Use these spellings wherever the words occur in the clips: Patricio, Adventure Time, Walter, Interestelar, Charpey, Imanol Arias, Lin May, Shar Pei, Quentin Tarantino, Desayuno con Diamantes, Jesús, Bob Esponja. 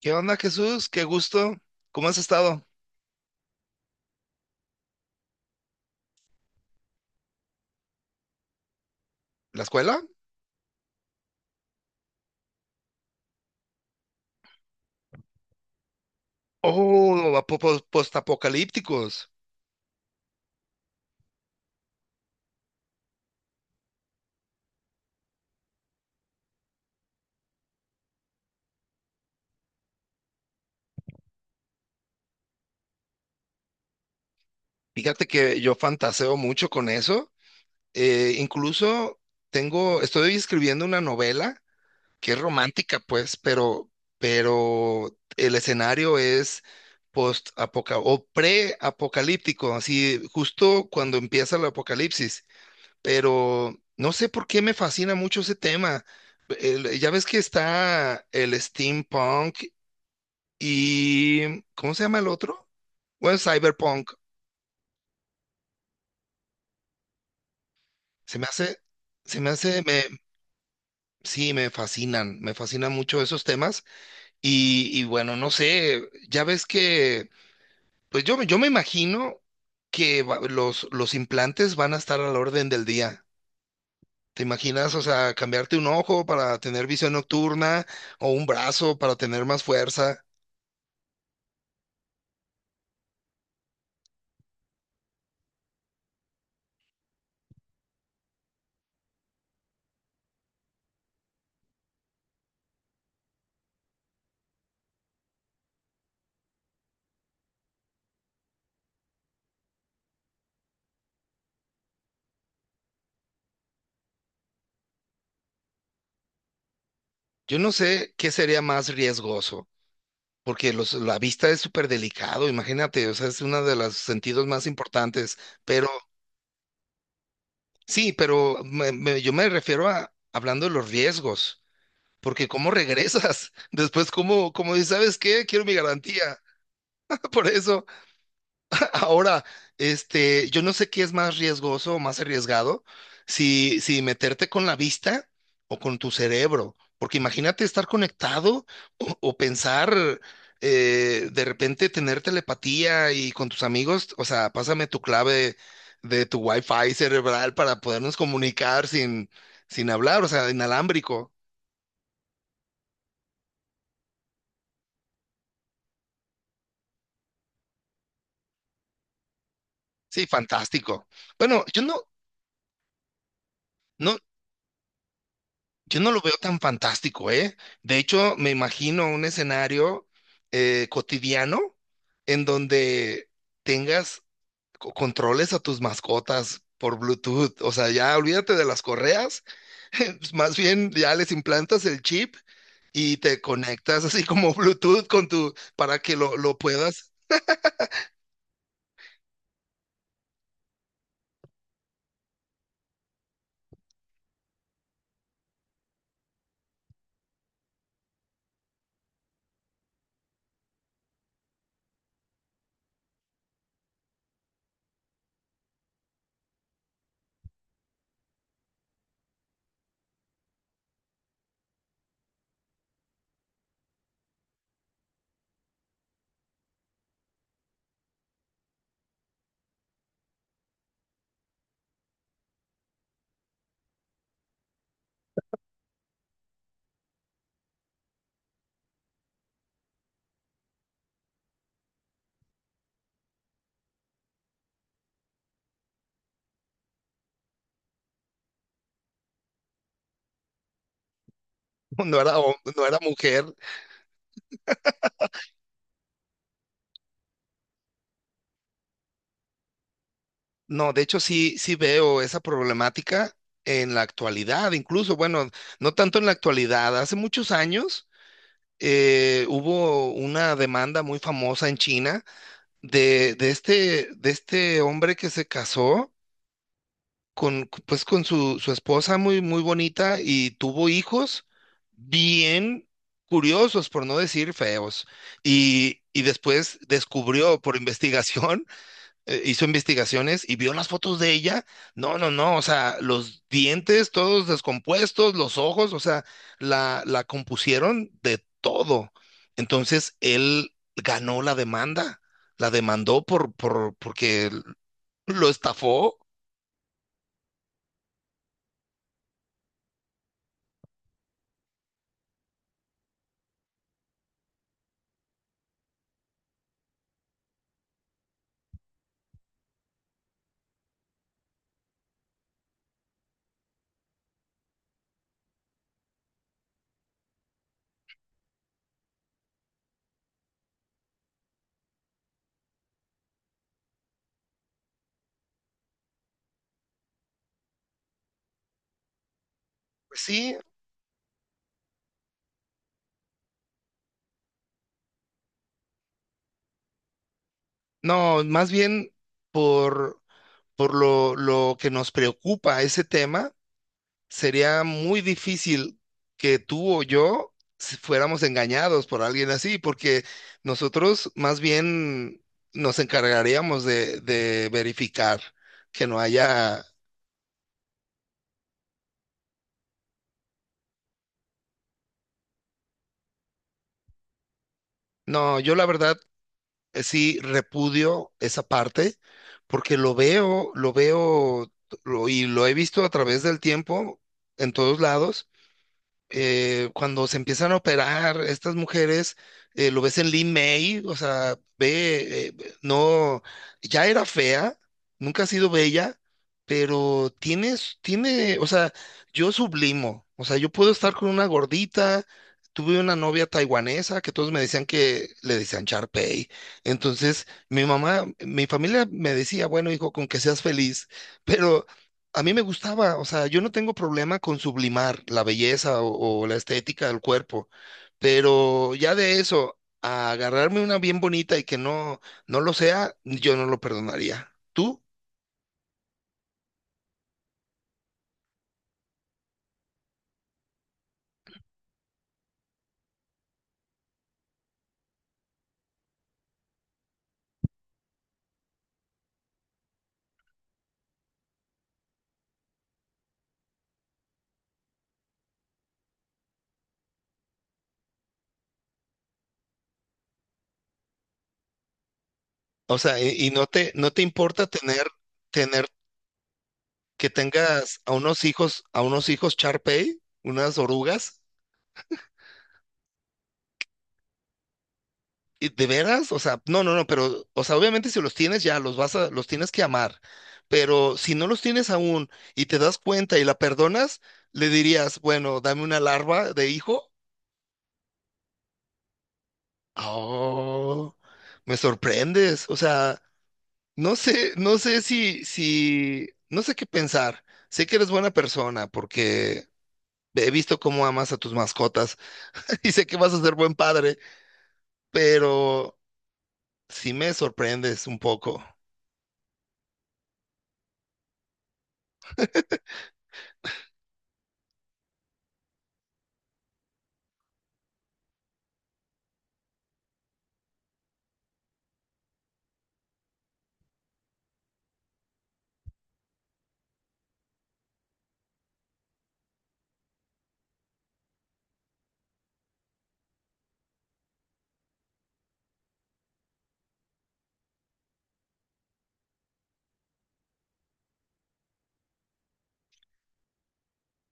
¿Qué onda, Jesús? Qué gusto. ¿Cómo has estado? ¿La escuela? Oh, a postapocalípticos. Fíjate que yo fantaseo mucho con eso. Incluso tengo, estoy escribiendo una novela que es romántica, pues, pero el escenario es post o pre-apocalíptico, así justo cuando empieza el apocalipsis. Pero no sé por qué me fascina mucho ese tema. Ya ves que está el steampunk, y ¿cómo se llama el otro? Bueno, cyberpunk. Se me hace, se me hace, me, sí, me fascinan mucho esos temas. Y bueno, no sé, ya ves que, pues yo, yo me imagino que los implantes van a estar a la orden del día. ¿Te imaginas, o sea, cambiarte un ojo para tener visión nocturna o un brazo para tener más fuerza? Yo no sé qué sería más riesgoso, porque la vista es súper delicado, imagínate, o sea, es uno de los sentidos más importantes, pero sí, pero yo me refiero a hablando de los riesgos, porque ¿cómo regresas? Después, cómo dices, ¿sabes qué? Quiero mi garantía, por eso. Ahora, yo no sé qué es más riesgoso o más arriesgado, si meterte con la vista o con tu cerebro, porque imagínate estar conectado o pensar, de repente tener telepatía y con tus amigos, o sea, pásame tu clave de tu wifi cerebral para podernos comunicar sin, sin hablar, o sea, inalámbrico. Sí, fantástico. Bueno, yo no, no, Yo no lo veo tan fantástico, ¿eh? De hecho, me imagino un escenario cotidiano en donde tengas controles a tus mascotas por Bluetooth. O sea, ya olvídate de las correas, pues, más bien ya les implantas el chip y te conectas así como Bluetooth con tu, para que lo puedas. No era, no era mujer. No, de hecho sí, sí veo esa problemática en la actualidad, incluso, bueno, no tanto en la actualidad, hace muchos años. Hubo una demanda muy famosa en China de de este hombre que se casó con, pues, con su esposa muy, muy bonita y tuvo hijos bien curiosos, por no decir feos, y después descubrió por investigación. Hizo investigaciones y vio las fotos de ella. No, no, no, o sea, los dientes todos descompuestos, los ojos, o sea, la compusieron de todo. Entonces, él ganó la demanda, la demandó porque lo estafó. Pues sí, no, más bien por, por lo que nos preocupa ese tema sería muy difícil que tú o yo fuéramos engañados por alguien así, porque nosotros más bien nos encargaríamos de verificar que no haya... No, yo la verdad, sí repudio esa parte, porque lo veo, lo veo, y lo he visto a través del tiempo en todos lados. Cuando se empiezan a operar estas mujeres, lo ves en Lin May, o sea, ve, no, ya era fea, nunca ha sido bella, pero tiene, o sea, yo sublimo, o sea, yo puedo estar con una gordita. Tuve una novia taiwanesa que todos me decían que le decían Charpey. Entonces, mi mamá, mi familia me decía, bueno, hijo, con que seas feliz. Pero a mí me gustaba, o sea, yo no tengo problema con sublimar la belleza o la estética del cuerpo, pero ya de eso, a agarrarme una bien bonita y que no, no lo sea, yo no lo perdonaría. ¿Tú? O sea, y no te importa tener, tener que tengas a unos hijos Shar Pei, unas orugas. ¿Y ¿De veras? O sea, no, no, no, pero, o sea, obviamente si los tienes ya, los tienes que amar. Pero si no los tienes aún y te das cuenta y la perdonas, le dirías, bueno, dame una larva de hijo. Oh, me sorprendes. O sea, no sé, no sé qué pensar. Sé que eres buena persona porque he visto cómo amas a tus mascotas y sé que vas a ser buen padre, pero sí me sorprendes un poco.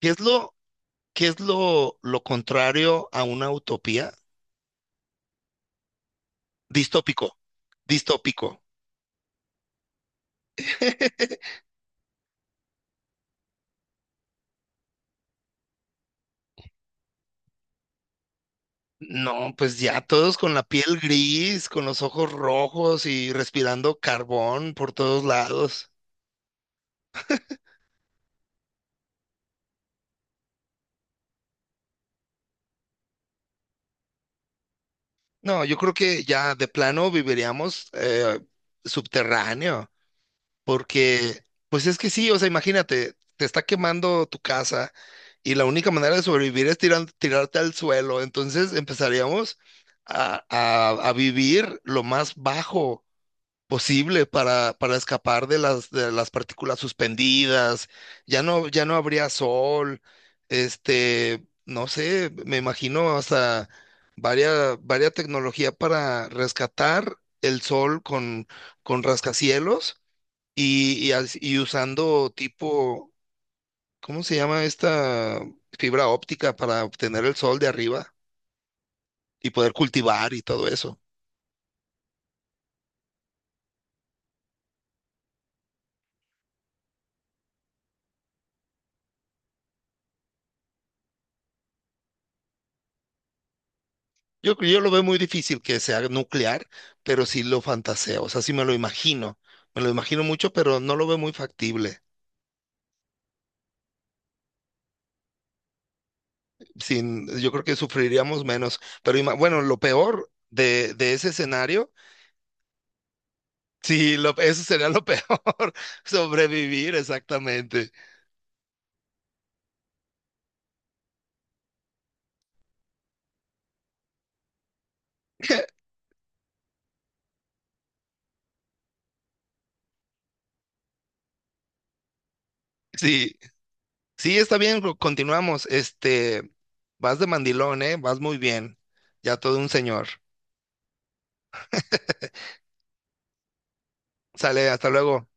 ¿Qué es lo? ¿Qué es lo contrario a una utopía? Distópico, distópico. No, pues ya todos con la piel gris, con los ojos rojos y respirando carbón por todos lados. No, yo creo que ya de plano viviríamos, subterráneo. Porque, pues es que sí, o sea, imagínate, te está quemando tu casa y la única manera de sobrevivir es tirarte al suelo. Entonces empezaríamos a, a vivir lo más bajo posible para escapar de las partículas suspendidas. Ya no, ya no habría sol. No sé, me imagino hasta varias tecnología para rescatar el sol con rascacielos y y usando tipo, ¿cómo se llama esta fibra óptica para obtener el sol de arriba y poder cultivar y todo eso? Yo lo veo muy difícil que sea nuclear, pero sí lo fantaseo, o sea, sí me lo imagino mucho, pero no lo veo muy factible. Sin, yo creo que sufriríamos menos, pero bueno, lo peor de ese escenario, sí, lo, eso sería lo peor, sobrevivir exactamente. Sí, sí, está bien, continuamos. Vas de mandilón, ¿eh? Vas muy bien. Ya todo un señor. Sale, hasta luego.